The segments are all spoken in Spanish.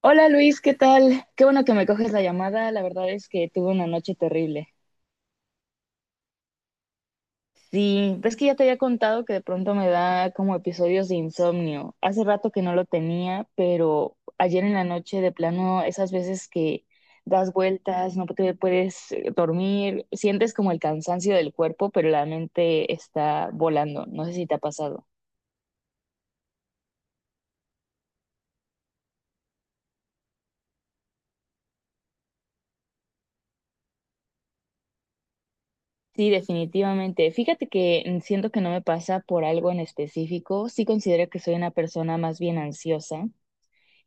Hola Luis, ¿qué tal? Qué bueno que me coges la llamada. La verdad es que tuve una noche terrible. Sí, ves que ya te había contado que de pronto me da como episodios de insomnio. Hace rato que no lo tenía, pero ayer en la noche de plano, esas veces que das vueltas, no te puedes dormir, sientes como el cansancio del cuerpo, pero la mente está volando. No sé si te ha pasado. Sí, definitivamente. Fíjate que siento que no me pasa por algo en específico. Sí considero que soy una persona más bien ansiosa.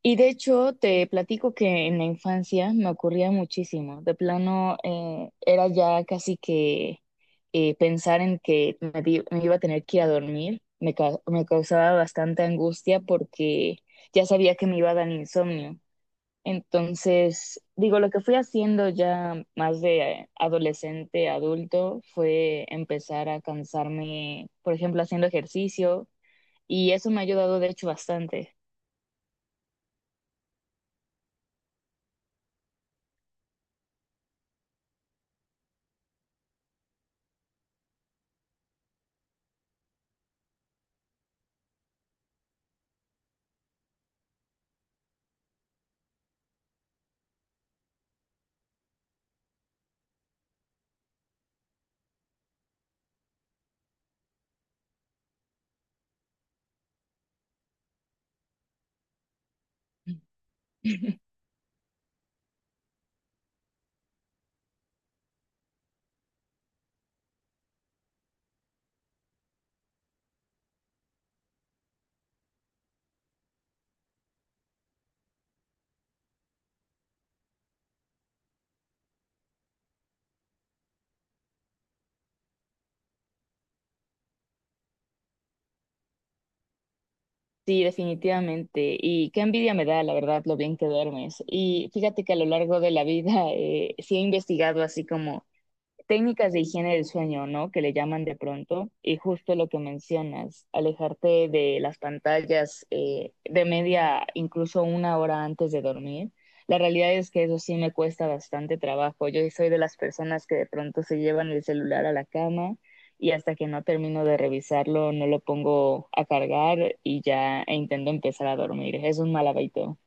Y de hecho, te platico que en la infancia me ocurría muchísimo. De plano, era ya casi que pensar en que me iba a tener que ir a dormir. Me causaba bastante angustia porque ya sabía que me iba a dar insomnio. Entonces, digo, lo que fui haciendo ya más de adolescente, adulto, fue empezar a cansarme, por ejemplo, haciendo ejercicio. Y eso me ha ayudado, de hecho, bastante. Sí, definitivamente. Y qué envidia me da, la verdad, lo bien que duermes. Y fíjate que a lo largo de la vida sí he investigado así como técnicas de higiene del sueño, ¿no? Que le llaman de pronto, y justo lo que mencionas, alejarte de las pantallas de media, incluso una hora antes de dormir. La realidad es que eso sí me cuesta bastante trabajo. Yo soy de las personas que de pronto se llevan el celular a la cama y hasta que no termino de revisarlo no lo pongo a cargar y ya e intento empezar a dormir. Es un mal hábito.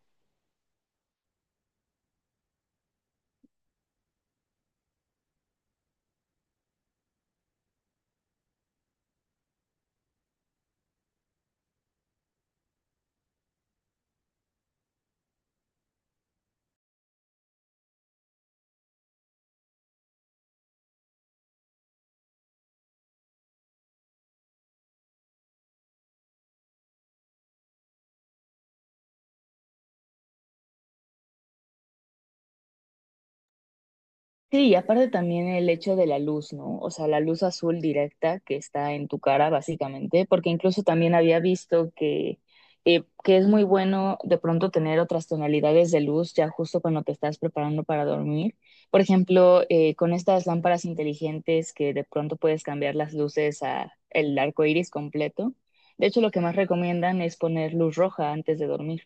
Sí, y aparte también el hecho de la luz, ¿no? O sea, la luz azul directa que está en tu cara, básicamente, porque incluso también había visto que es muy bueno de pronto tener otras tonalidades de luz ya justo cuando te estás preparando para dormir. Por ejemplo, con estas lámparas inteligentes que de pronto puedes cambiar las luces a el arco iris completo. De hecho, lo que más recomiendan es poner luz roja antes de dormir.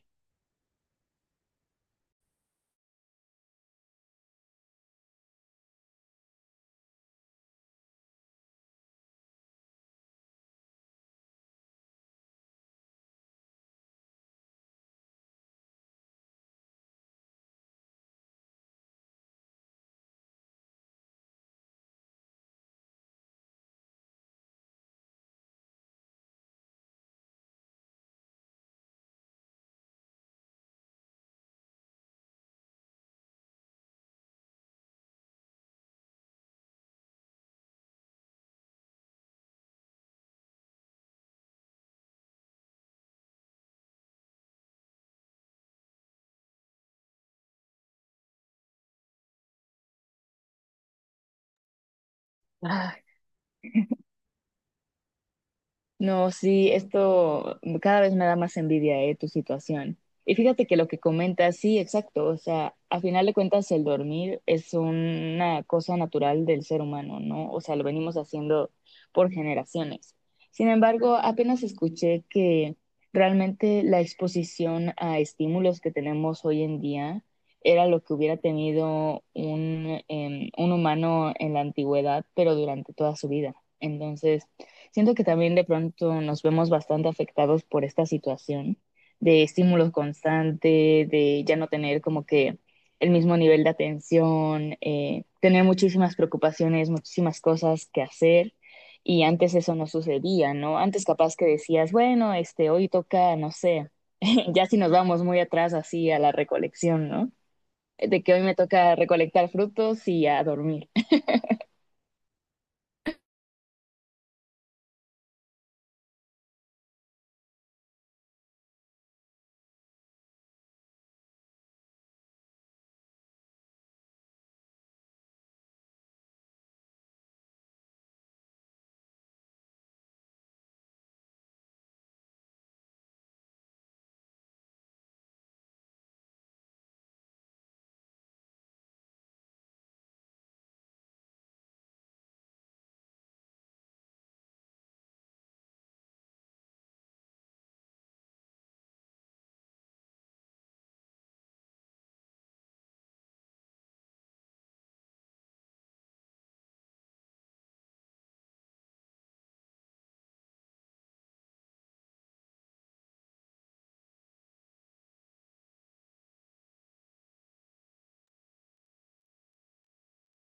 No, sí, esto cada vez me da más envidia, tu situación. Y fíjate que lo que comentas, sí, exacto. O sea, a final de cuentas, el dormir es una cosa natural del ser humano, ¿no? O sea, lo venimos haciendo por generaciones. Sin embargo, apenas escuché que realmente la exposición a estímulos que tenemos hoy en día era lo que hubiera tenido un, un humano en la antigüedad, pero durante toda su vida. Entonces, siento que también de pronto nos vemos bastante afectados por esta situación de estímulos constante, de ya no tener como que el mismo nivel de atención, tener muchísimas preocupaciones, muchísimas cosas que hacer. Y antes eso no sucedía, ¿no? Antes capaz que decías, bueno, este, hoy toca, no sé, ya si nos vamos muy atrás así a la recolección, ¿no? De que hoy me toca recolectar frutos y a dormir.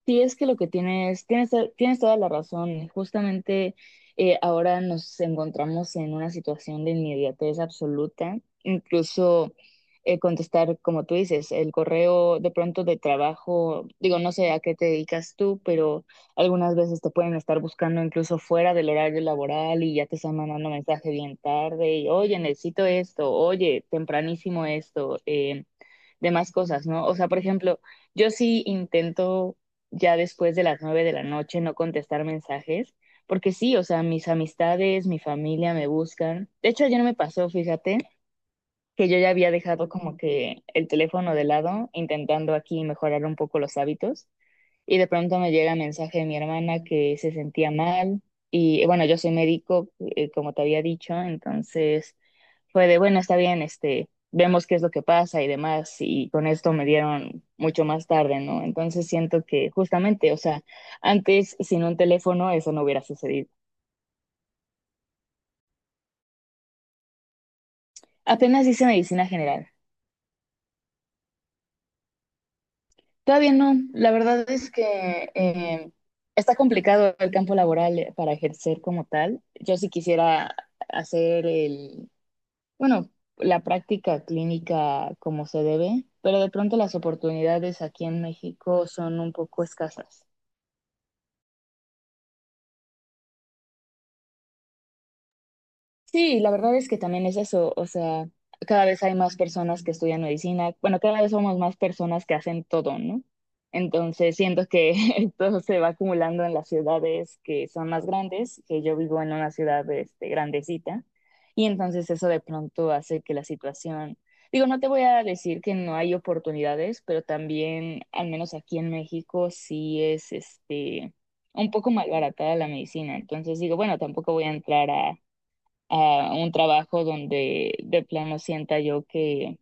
Sí, es que lo que tienes toda la razón. Justamente ahora nos encontramos en una situación de inmediatez absoluta. Incluso contestar, como tú dices, el correo de pronto de trabajo, digo, no sé a qué te dedicas tú, pero algunas veces te pueden estar buscando incluso fuera del horario laboral y ya te están mandando mensaje bien tarde y, oye, necesito esto, oye, tempranísimo esto. De más cosas, ¿no? O sea, por ejemplo, yo sí intento ya después de las nueve de la noche no contestar mensajes, porque sí, o sea, mis amistades, mi familia me buscan. De hecho, ayer me pasó, fíjate, que yo ya había dejado como que el teléfono de lado, intentando aquí mejorar un poco los hábitos, y de pronto me llega mensaje de mi hermana que se sentía mal, y bueno, yo soy médico, como te había dicho, entonces fue de, bueno, está bien, este, vemos qué es lo que pasa y demás, y con esto me dieron mucho más tarde, ¿no? Entonces siento que justamente, o sea, antes sin un teléfono eso no hubiera sucedido. Apenas hice medicina general. Todavía no, la verdad es que está complicado el campo laboral para ejercer como tal. Yo sí quisiera hacer bueno, la práctica clínica como se debe, pero de pronto las oportunidades aquí en México son un poco escasas. Sí, la verdad es que también es eso, o sea, cada vez hay más personas que estudian medicina, bueno, cada vez somos más personas que hacen todo, ¿no? Entonces, siento que todo se va acumulando en las ciudades que son más grandes, que yo vivo en una ciudad, este, grandecita, y entonces eso de pronto hace que la situación, digo, no te voy a decir que no hay oportunidades, pero también, al menos aquí en México, sí es, este, un poco malbaratada la medicina, entonces digo, bueno, tampoco voy a entrar a un trabajo donde de plano sienta yo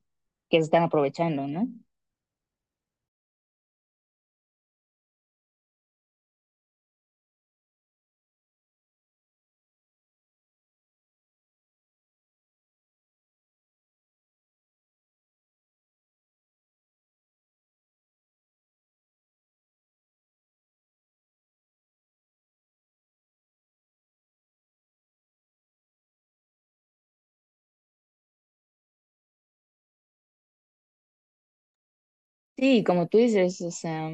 que se están aprovechando, ¿no? Sí, como tú dices, o sea,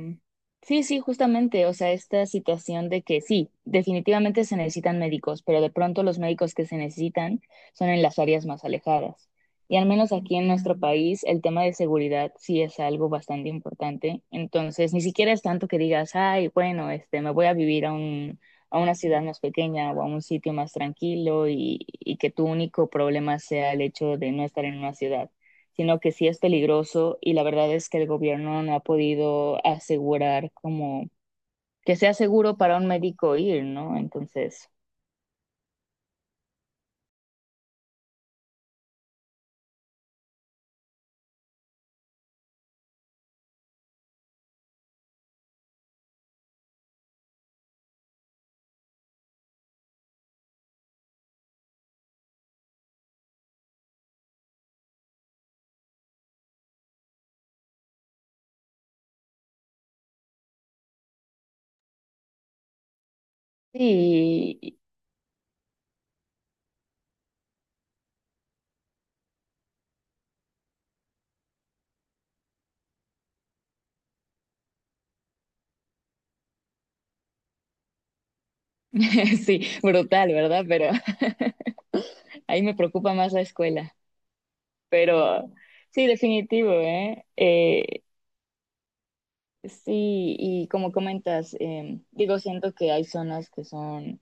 sí, sí, justamente, o sea, esta situación de que sí, definitivamente se necesitan médicos, pero de pronto los médicos que se necesitan son en las áreas más alejadas. Y al menos aquí en nuestro país, el tema de seguridad sí es algo bastante importante. Entonces, ni siquiera es tanto que digas, ay, bueno, este, me voy a vivir a un, a una ciudad más pequeña o a un sitio más tranquilo y que tu único problema sea el hecho de no estar en una ciudad, sino que sí es peligroso y la verdad es que el gobierno no ha podido asegurar como que sea seguro para un médico ir, ¿no? Entonces, sí, sí, brutal, ¿verdad? Pero ahí me preocupa más la escuela, pero sí, definitivo, ¿eh? Sí, y como comentas, digo, siento que hay zonas que son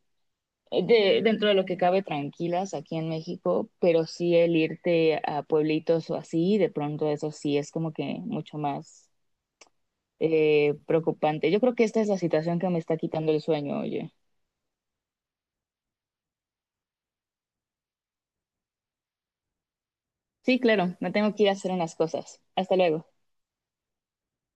dentro de lo que cabe tranquilas aquí en México, pero sí el irte a pueblitos o así, de pronto eso sí es como que mucho más preocupante. Yo creo que esta es la situación que me está quitando el sueño, oye. Sí, claro, me tengo que ir a hacer unas cosas. Hasta luego.